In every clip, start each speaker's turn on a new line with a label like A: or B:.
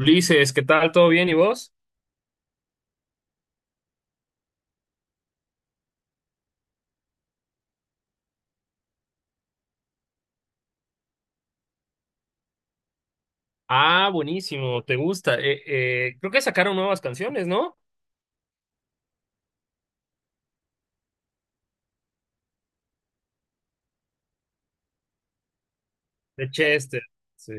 A: Ulises, ¿qué tal? ¿Todo bien? ¿Y vos? Ah, buenísimo, te gusta. Creo que sacaron nuevas canciones, ¿no? De Chester. Sí,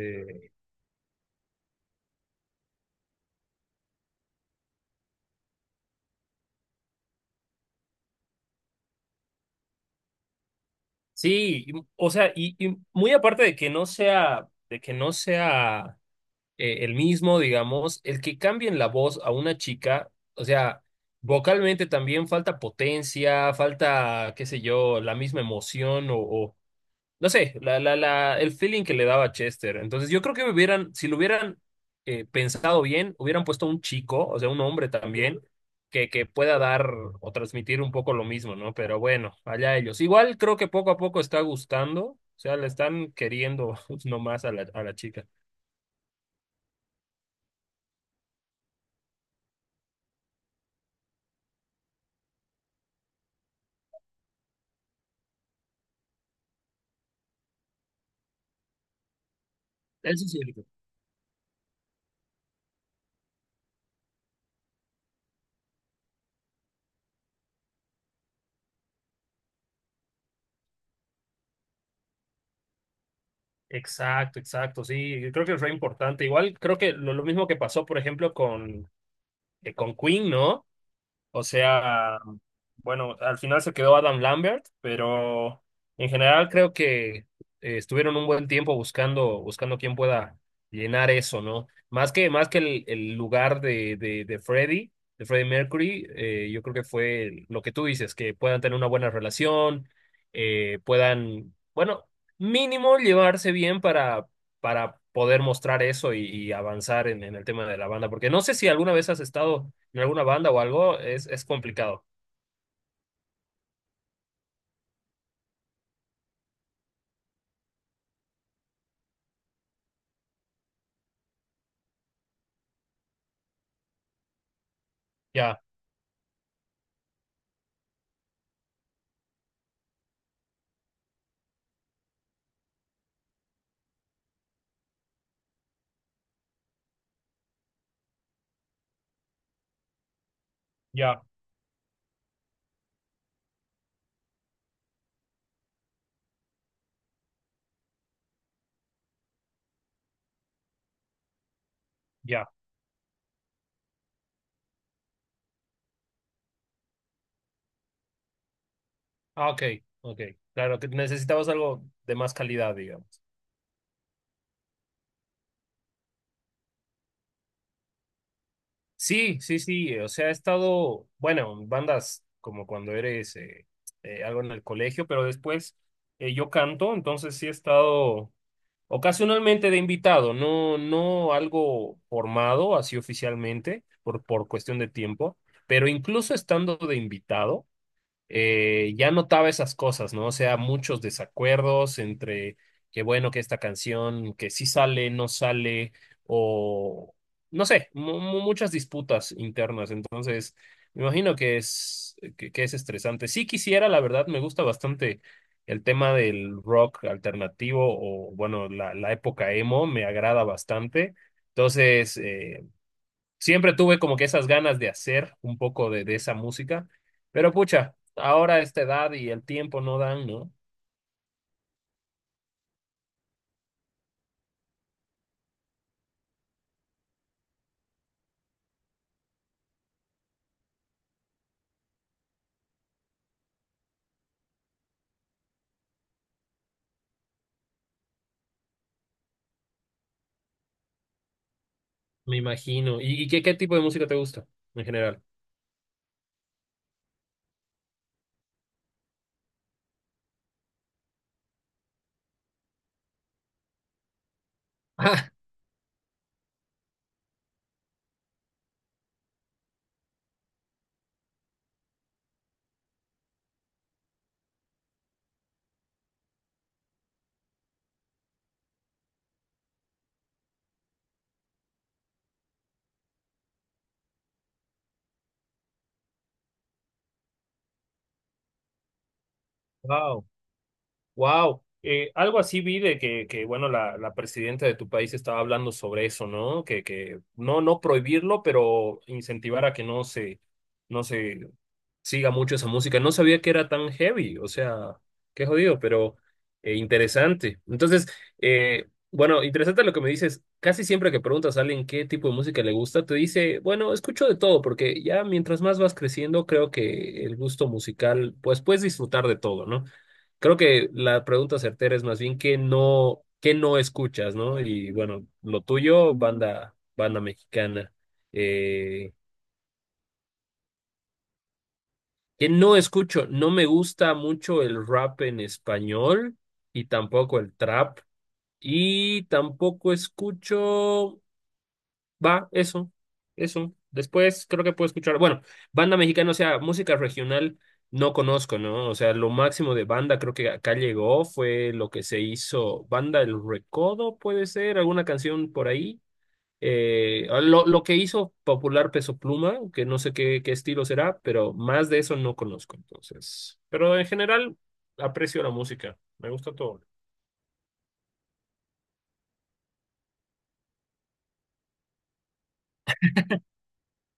A: sí, o sea, y muy aparte de que no sea, de que no sea el mismo, digamos, el que cambien la voz a una chica, o sea, vocalmente también falta potencia, falta, qué sé yo, la misma emoción o no sé, el feeling que le daba Chester. Entonces, yo creo que hubieran, si lo hubieran pensado bien, hubieran puesto un chico, o sea, un hombre también, que pueda dar o transmitir un poco lo mismo, ¿no? Pero bueno, allá ellos. Igual creo que poco a poco está gustando, o sea, le están queriendo nomás a la chica. Eso es cierto. Exacto, exacto, sí, yo creo que fue importante. Igual creo que lo mismo que pasó, por ejemplo, con Queen, ¿no? O sea, bueno, al final se quedó Adam Lambert, pero en general creo que estuvieron un buen tiempo buscando, buscando quién pueda llenar eso, ¿no? Más que el lugar de Freddie, de Freddie Mercury, yo creo que fue lo que tú dices, que puedan tener una buena relación, puedan, bueno, mínimo llevarse bien para poder mostrar eso y avanzar en el tema de la banda, porque no sé si alguna vez has estado en alguna banda o algo, es complicado. Ya, ya, ya. Ah, ok, ok. Claro, que necesitamos algo de más calidad, digamos. Sí, sí, sí. O sea, he estado, bueno, en bandas como cuando eres algo en el colegio, pero después yo canto, entonces sí he estado ocasionalmente de invitado, no, no algo formado así oficialmente, por cuestión de tiempo, pero incluso estando de invitado. Ya notaba esas cosas, ¿no? O sea, muchos desacuerdos entre que bueno, que esta canción, que sí sale, no sale, o no sé, muchas disputas internas. Entonces, me imagino que es estresante. Sí quisiera, la verdad, me gusta bastante el tema del rock alternativo o bueno, la época emo me agrada bastante. Entonces, siempre tuve como que esas ganas de hacer un poco de esa música, pero pucha, ahora esta edad y el tiempo no dan, ¿no? Me imagino. ¿Y, y qué tipo de música te gusta en general? Ah, wow. Wow, algo así vi de que bueno, la presidenta de tu país estaba hablando sobre eso, ¿no? Que no, no prohibirlo, pero incentivar a que no se siga mucho esa música. No sabía que era tan heavy, o sea, qué jodido, pero interesante. Entonces, bueno, interesante lo que me dices. Casi siempre que preguntas a alguien qué tipo de música le gusta, te dice, bueno, escucho de todo, porque ya mientras más vas creciendo, creo que el gusto musical, pues puedes disfrutar de todo, ¿no? Creo que la pregunta certera es más bien qué no escuchas, ¿no? Y bueno, lo tuyo, banda, banda mexicana. Eh, ¿Qué no escucho? No me gusta mucho el rap en español y tampoco el trap. Y tampoco escucho. Va, eso. Después creo que puedo escuchar, bueno, banda mexicana, o sea, música regional no conozco, ¿no? O sea, lo máximo de banda creo que acá llegó fue lo que se hizo, Banda El Recodo, puede ser, alguna canción por ahí. Ah, lo que hizo popular Peso Pluma, que no sé qué estilo será, pero más de eso no conozco, entonces. Pero en general aprecio la música, me gusta todo.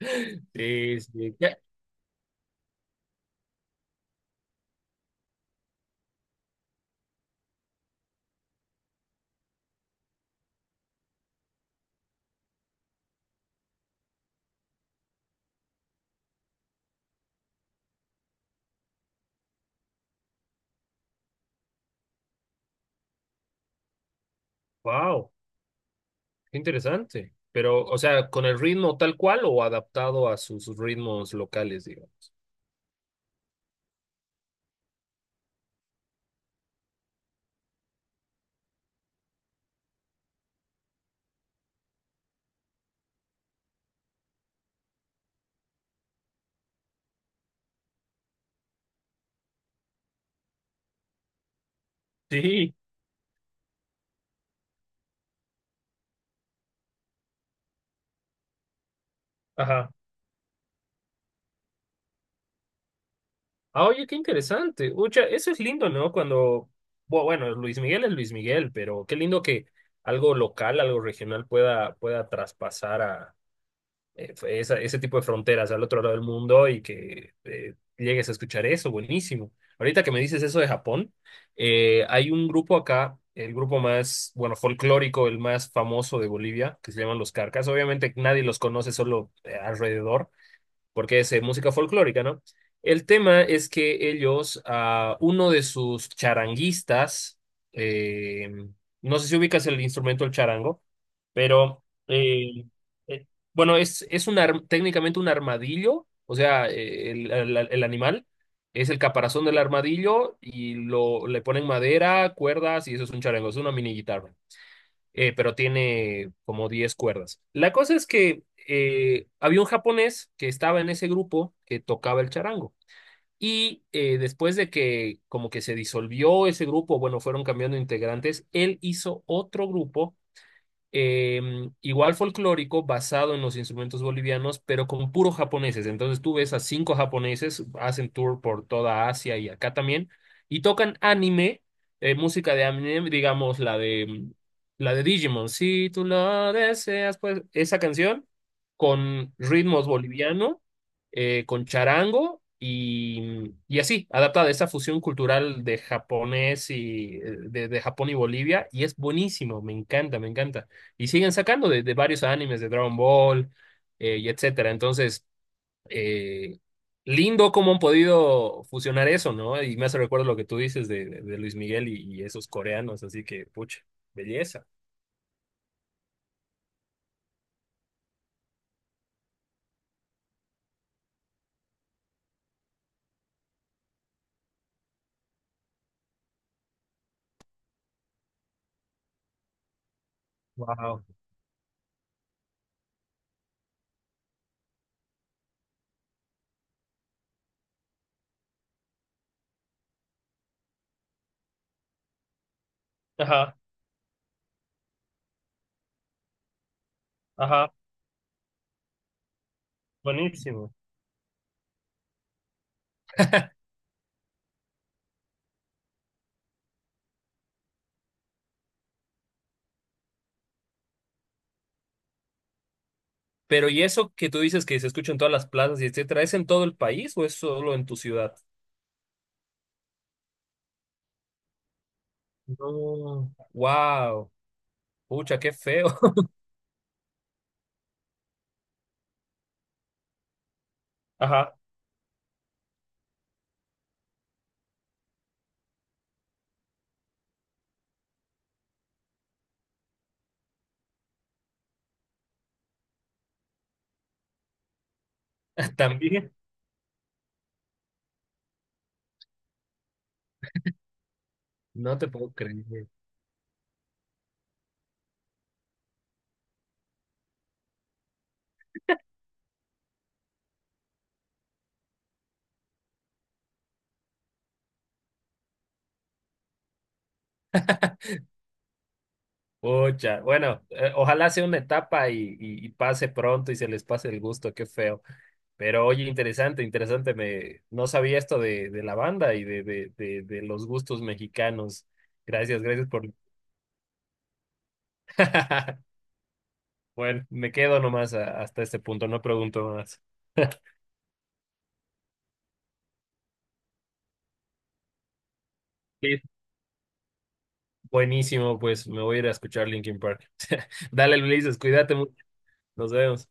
A: Sí, sí. Wow. Interesante. Pero, o sea, ¿con el ritmo tal cual o adaptado a sus ritmos locales, digamos? Sí, ajá. Ah, oye, qué interesante. Ucha, eso es lindo, ¿no? Cuando, bueno, Luis Miguel es Luis Miguel, pero qué lindo que algo local, algo regional pueda, pueda traspasar a ese tipo de fronteras al otro lado del mundo y que llegues a escuchar eso, buenísimo. Ahorita que me dices eso de Japón, hay un grupo acá, el grupo más, bueno, folclórico, el más famoso de Bolivia, que se llaman Los Carcas. Obviamente nadie los conoce, solo alrededor, porque es música folclórica, ¿no? El tema es que ellos, a uno de sus charanguistas, eh, no sé si ubicas el instrumento el charango, pero eh, bueno, es un técnicamente un armadillo, o sea, el animal es el caparazón del armadillo y lo, le ponen madera, cuerdas y eso es un charango, es una mini guitarra pero tiene como 10 cuerdas. La cosa es que había un japonés que estaba en ese grupo que tocaba el charango. Y después de que como que se disolvió ese grupo, bueno, fueron cambiando integrantes, él hizo otro grupo eh, igual folclórico, basado en los instrumentos bolivianos, pero con puros japoneses. Entonces tú ves a cinco japoneses, hacen tour por toda Asia y acá también, y tocan anime, música de anime, digamos la de, mm, la de Digimon. Si tú lo deseas, pues esa canción con ritmos boliviano, con charango. Y, mm, y así, adaptada a esa fusión cultural de japonés y de Japón y Bolivia, y es buenísimo, me encanta, me encanta. Y siguen sacando de varios animes de Dragon Ball y etcétera. Entonces, eh, lindo cómo han podido fusionar eso, ¿no? Y me hace recuerdo lo que tú dices de Luis Miguel y esos coreanos, así que, pucha, belleza. Wow. Ajá, ajá, buenísimo. Pero ¿y eso que tú dices que se escucha en todas las plazas y etcétera, es en todo el país o es solo en tu ciudad? No. Wow, pucha, qué feo. Ajá, también. No te puedo creer. Pucha, bueno, ojalá sea una etapa y, y pase pronto y se les pase el gusto, qué feo. Pero oye, interesante, interesante, me no sabía esto de la banda y de los gustos mexicanos. Gracias, gracias por... Bueno, me quedo nomás hasta este punto, no pregunto más. Sí. Buenísimo, pues me voy a ir a escuchar Linkin Park. Dale, Luis, cuídate mucho, nos vemos.